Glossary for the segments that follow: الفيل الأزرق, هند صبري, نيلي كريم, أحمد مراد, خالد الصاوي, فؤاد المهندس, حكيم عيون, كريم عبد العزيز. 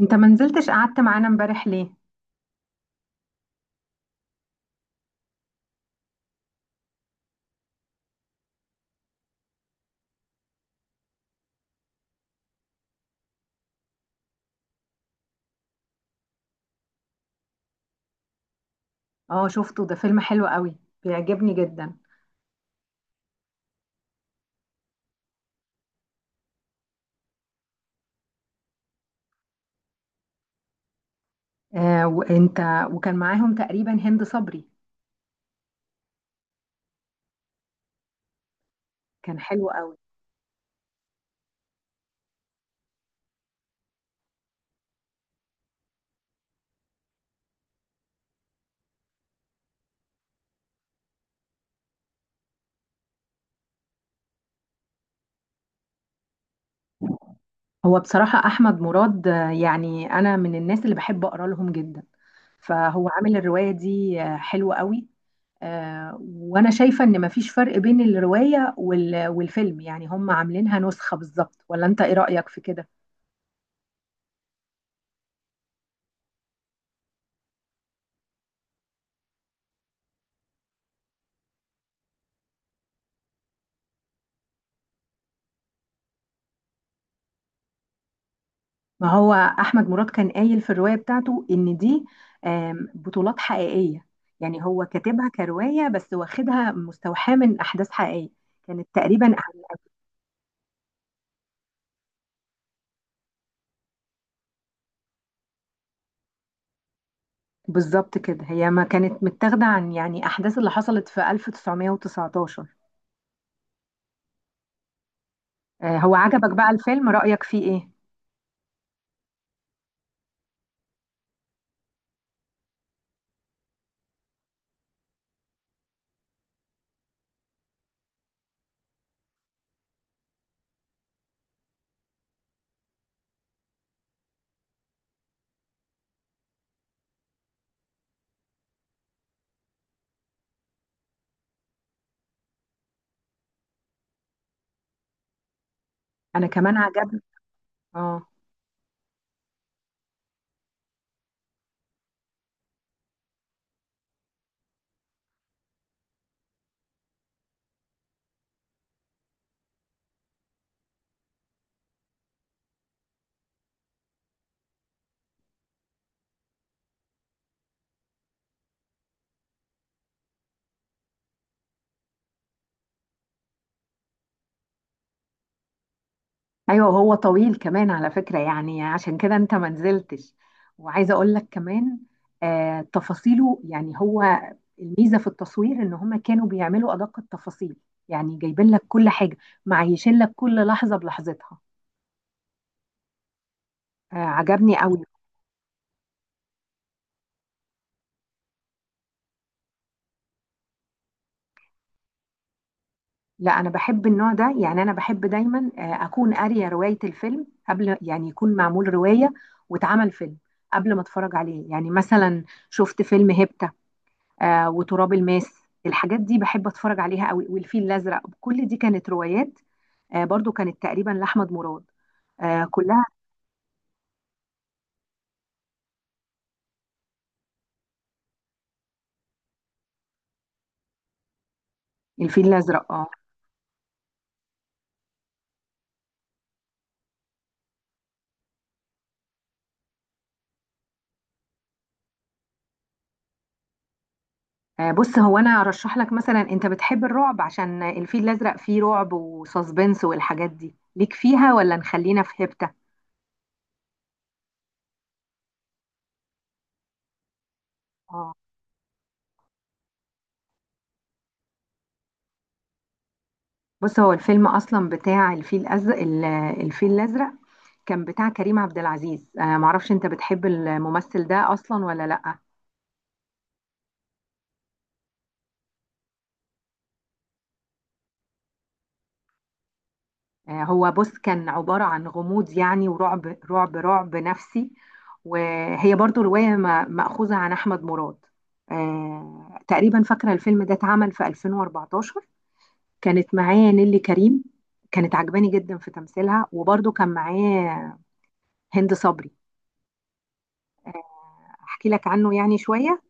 انت ما نزلتش، قعدت معانا امبارح ليه؟ اه، شفته. ده فيلم حلو قوي. بيعجبني جدا. آه، وانت؟ وكان معاهم تقريبا هند صبري. كان حلو قوي. هو بصراحة احمد مراد، يعني انا من الناس اللي بحب اقرا لهم جدا. فهو عامل الرواية دي حلوة قوي. آه، وانا شايفة ان مفيش فرق بين الرواية والفيلم، يعني هم عاملينها نسخة بالظبط، ولا انت ايه رأيك في كده؟ ما هو احمد مراد كان قايل في الروايه بتاعته ان دي بطولات حقيقيه. يعني هو كاتبها كروايه بس واخدها مستوحاه من احداث حقيقيه. كانت تقريبا. بالظبط كده. هي ما كانت متاخده عن يعني احداث اللي حصلت في 1919. آه، هو عجبك بقى الفيلم، رايك فيه ايه؟ انا كمان عجبني. اه. ايوه، هو طويل كمان على فكرة، يعني عشان كده انت ما نزلتش. وعايزة اقول لك كمان. آه، تفاصيله يعني هو الميزة في التصوير ان هما كانوا بيعملوا ادق التفاصيل. يعني جايبين لك كل حاجة، معيشين لك كل لحظة بلحظتها. آه، عجبني قوي. لا، انا بحب النوع ده، يعني انا بحب دايما اكون قارية رواية الفيلم قبل، يعني يكون معمول رواية واتعمل فيلم قبل ما اتفرج عليه. يعني مثلا شفت فيلم هيبتا، آه، وتراب الماس. الحاجات دي بحب اتفرج عليها قوي. والفيل الازرق كل دي كانت روايات. آه، برضو كانت تقريبا لاحمد مراد. آه، كلها. الفيل الازرق، اه. آه، بص، هو انا ارشح لك مثلا، انت بتحب الرعب؟ عشان الفيل الازرق فيه رعب وساسبنس والحاجات دي، ليك فيها ولا نخلينا في هبته؟ اه، بص، هو الفيلم اصلا بتاع الفيل الازرق الفيل الازرق، كان بتاع كريم عبد العزيز. معرفش انت بتحب الممثل ده اصلا ولا لا؟ آه، هو بص، كان عبارة عن غموض يعني، ورعب. رعب، رعب نفسي. وهي برضو رواية مأخوذة عن أحمد مراد. آه، تقريبا فاكرة الفيلم ده اتعمل في 2014. كانت معايا نيلي كريم، كانت عجباني جدا في تمثيلها. وبرضو كان معايا هند صبري. أحكي لك عنه يعني شوية.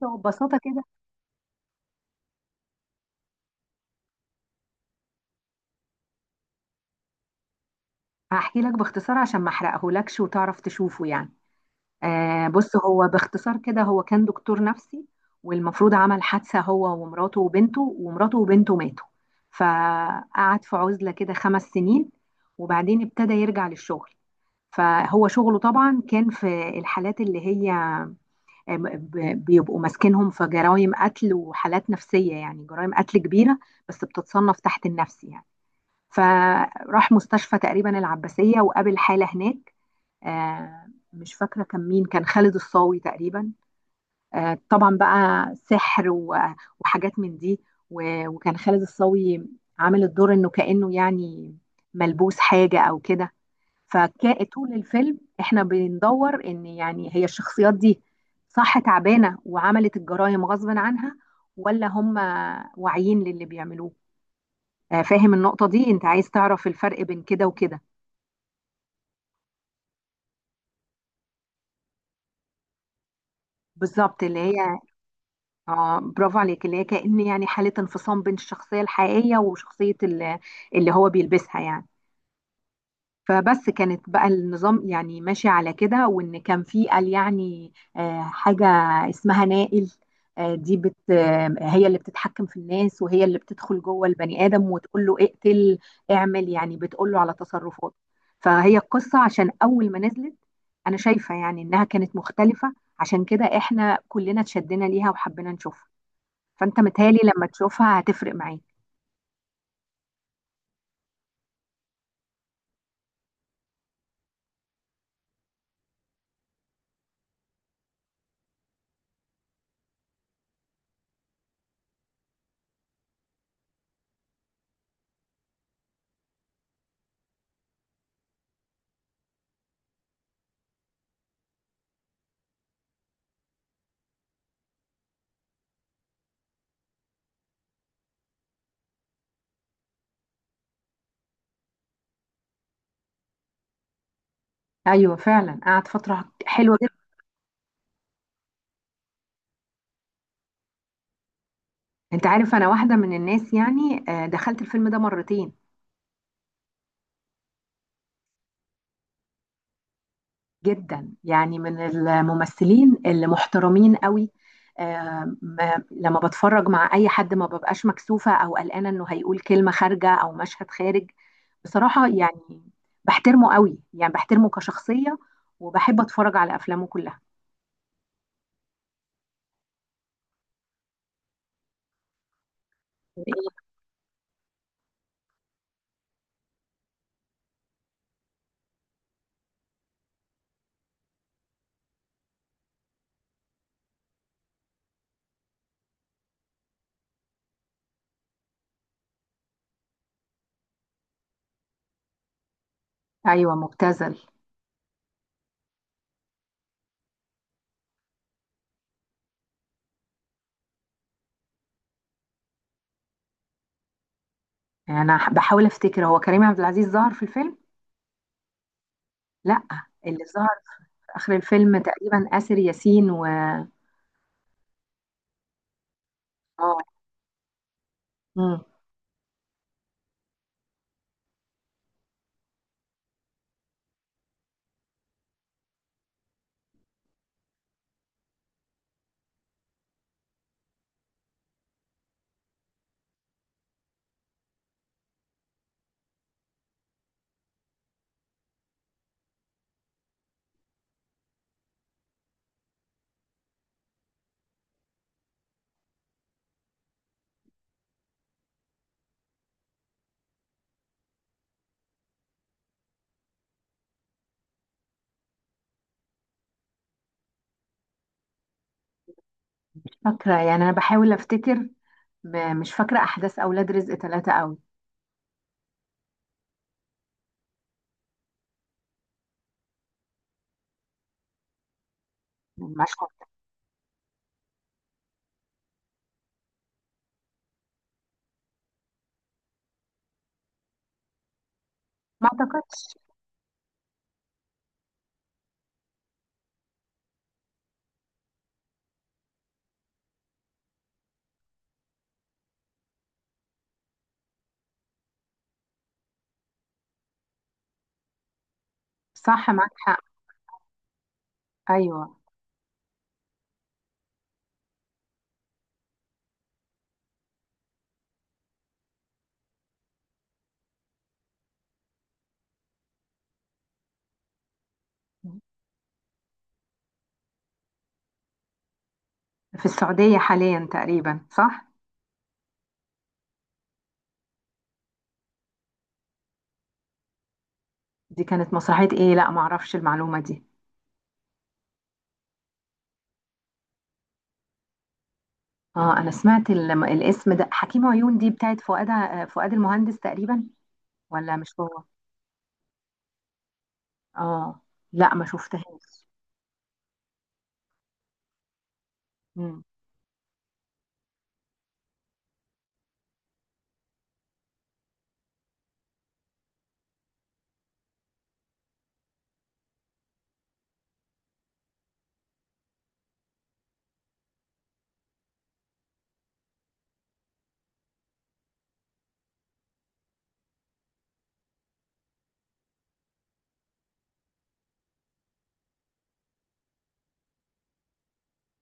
ببساطة كده. هحكي لك باختصار عشان ما أحرقهولكش وتعرف تشوفه يعني. آه، بص، هو باختصار كده، هو كان دكتور نفسي. والمفروض عمل حادثة هو ومراته وبنته، ومراته وبنته ماتوا. فقعد في عزلة كده 5 سنين. وبعدين ابتدى يرجع للشغل. فهو شغله طبعا كان في الحالات اللي هي آه، بيبقوا ماسكينهم في جرائم قتل وحالات نفسية، يعني جرائم قتل كبيرة بس بتتصنف تحت النفسي يعني. فراح مستشفى تقريبا العباسية وقابل حالة هناك. آه، مش فاكرة كان مين، كان خالد الصاوي تقريبا. آه، طبعا بقى سحر وحاجات من دي. وكان خالد الصاوي عامل الدور انه كأنه يعني ملبوس حاجة او كده. فطول الفيلم احنا بندور ان يعني هي الشخصيات دي صح تعبانة وعملت الجرائم غصبا عنها، ولا هم واعيين للي بيعملوه؟ آه، فاهم النقطة دي؟ انت عايز تعرف الفرق بين كده وكده. بالظبط، اللي هي اه، برافو عليك، اللي هي كأن يعني حالة انفصام بين الشخصية الحقيقية وشخصية اللي هو بيلبسها يعني. فبس كانت بقى النظام يعني ماشي على كده، وان كان في قال يعني حاجة اسمها نائل. آه، دي بت آه، هي اللي بتتحكم في الناس، وهي اللي بتدخل جوه البني آدم وتقول له اقتل، اعمل، يعني بتقول له على تصرفاته. فهي القصة، عشان أول ما نزلت أنا شايفة يعني إنها كانت مختلفة. عشان كده إحنا كلنا اتشدنا ليها وحبينا نشوفها. فانت متهيألي لما تشوفها هتفرق معاك. ايوه فعلا، قعد فتره حلوه جدا. انت عارف انا واحده من الناس، يعني دخلت الفيلم ده مرتين. جدا، يعني من الممثلين اللي محترمين قوي. آه، لما بتفرج مع اي حد ما ببقاش مكسوفه او قلقانه انه هيقول كلمه خارجه او مشهد خارج، بصراحه يعني. بحترمه قوي، يعني بحترمه كشخصيه. وبحب اتفرج على افلامه كلها. ايوه، مبتذل. يعني انا بحاول افتكر، هو كريم عبد العزيز ظهر في الفيلم؟ لا، اللي ظهر في اخر الفيلم تقريبا آسر ياسين، و اه. مم. مش فاكره، يعني انا بحاول افتكر. مش فاكره احداث اولاد رزق ثلاثة قوي. المشهد ده. ما اعتقدش. صح، معاك حق. ايوه. في السعوديه حاليا تقريبا، صح؟ دي كانت مسرحيه ايه؟ لا، ما اعرفش المعلومه دي. اه، انا سمعت الاسم ده حكيم عيون، دي بتاعت فؤاد فؤاد المهندس تقريبا، ولا مش هو؟ اه. لا، ما شفتهاش.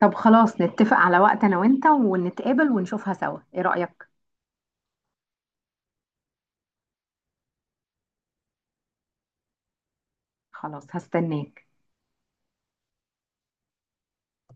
طب خلاص، نتفق على وقت انا وانت ونتقابل ونشوفها سوا، ايه رأيك؟ خلاص، هستناك.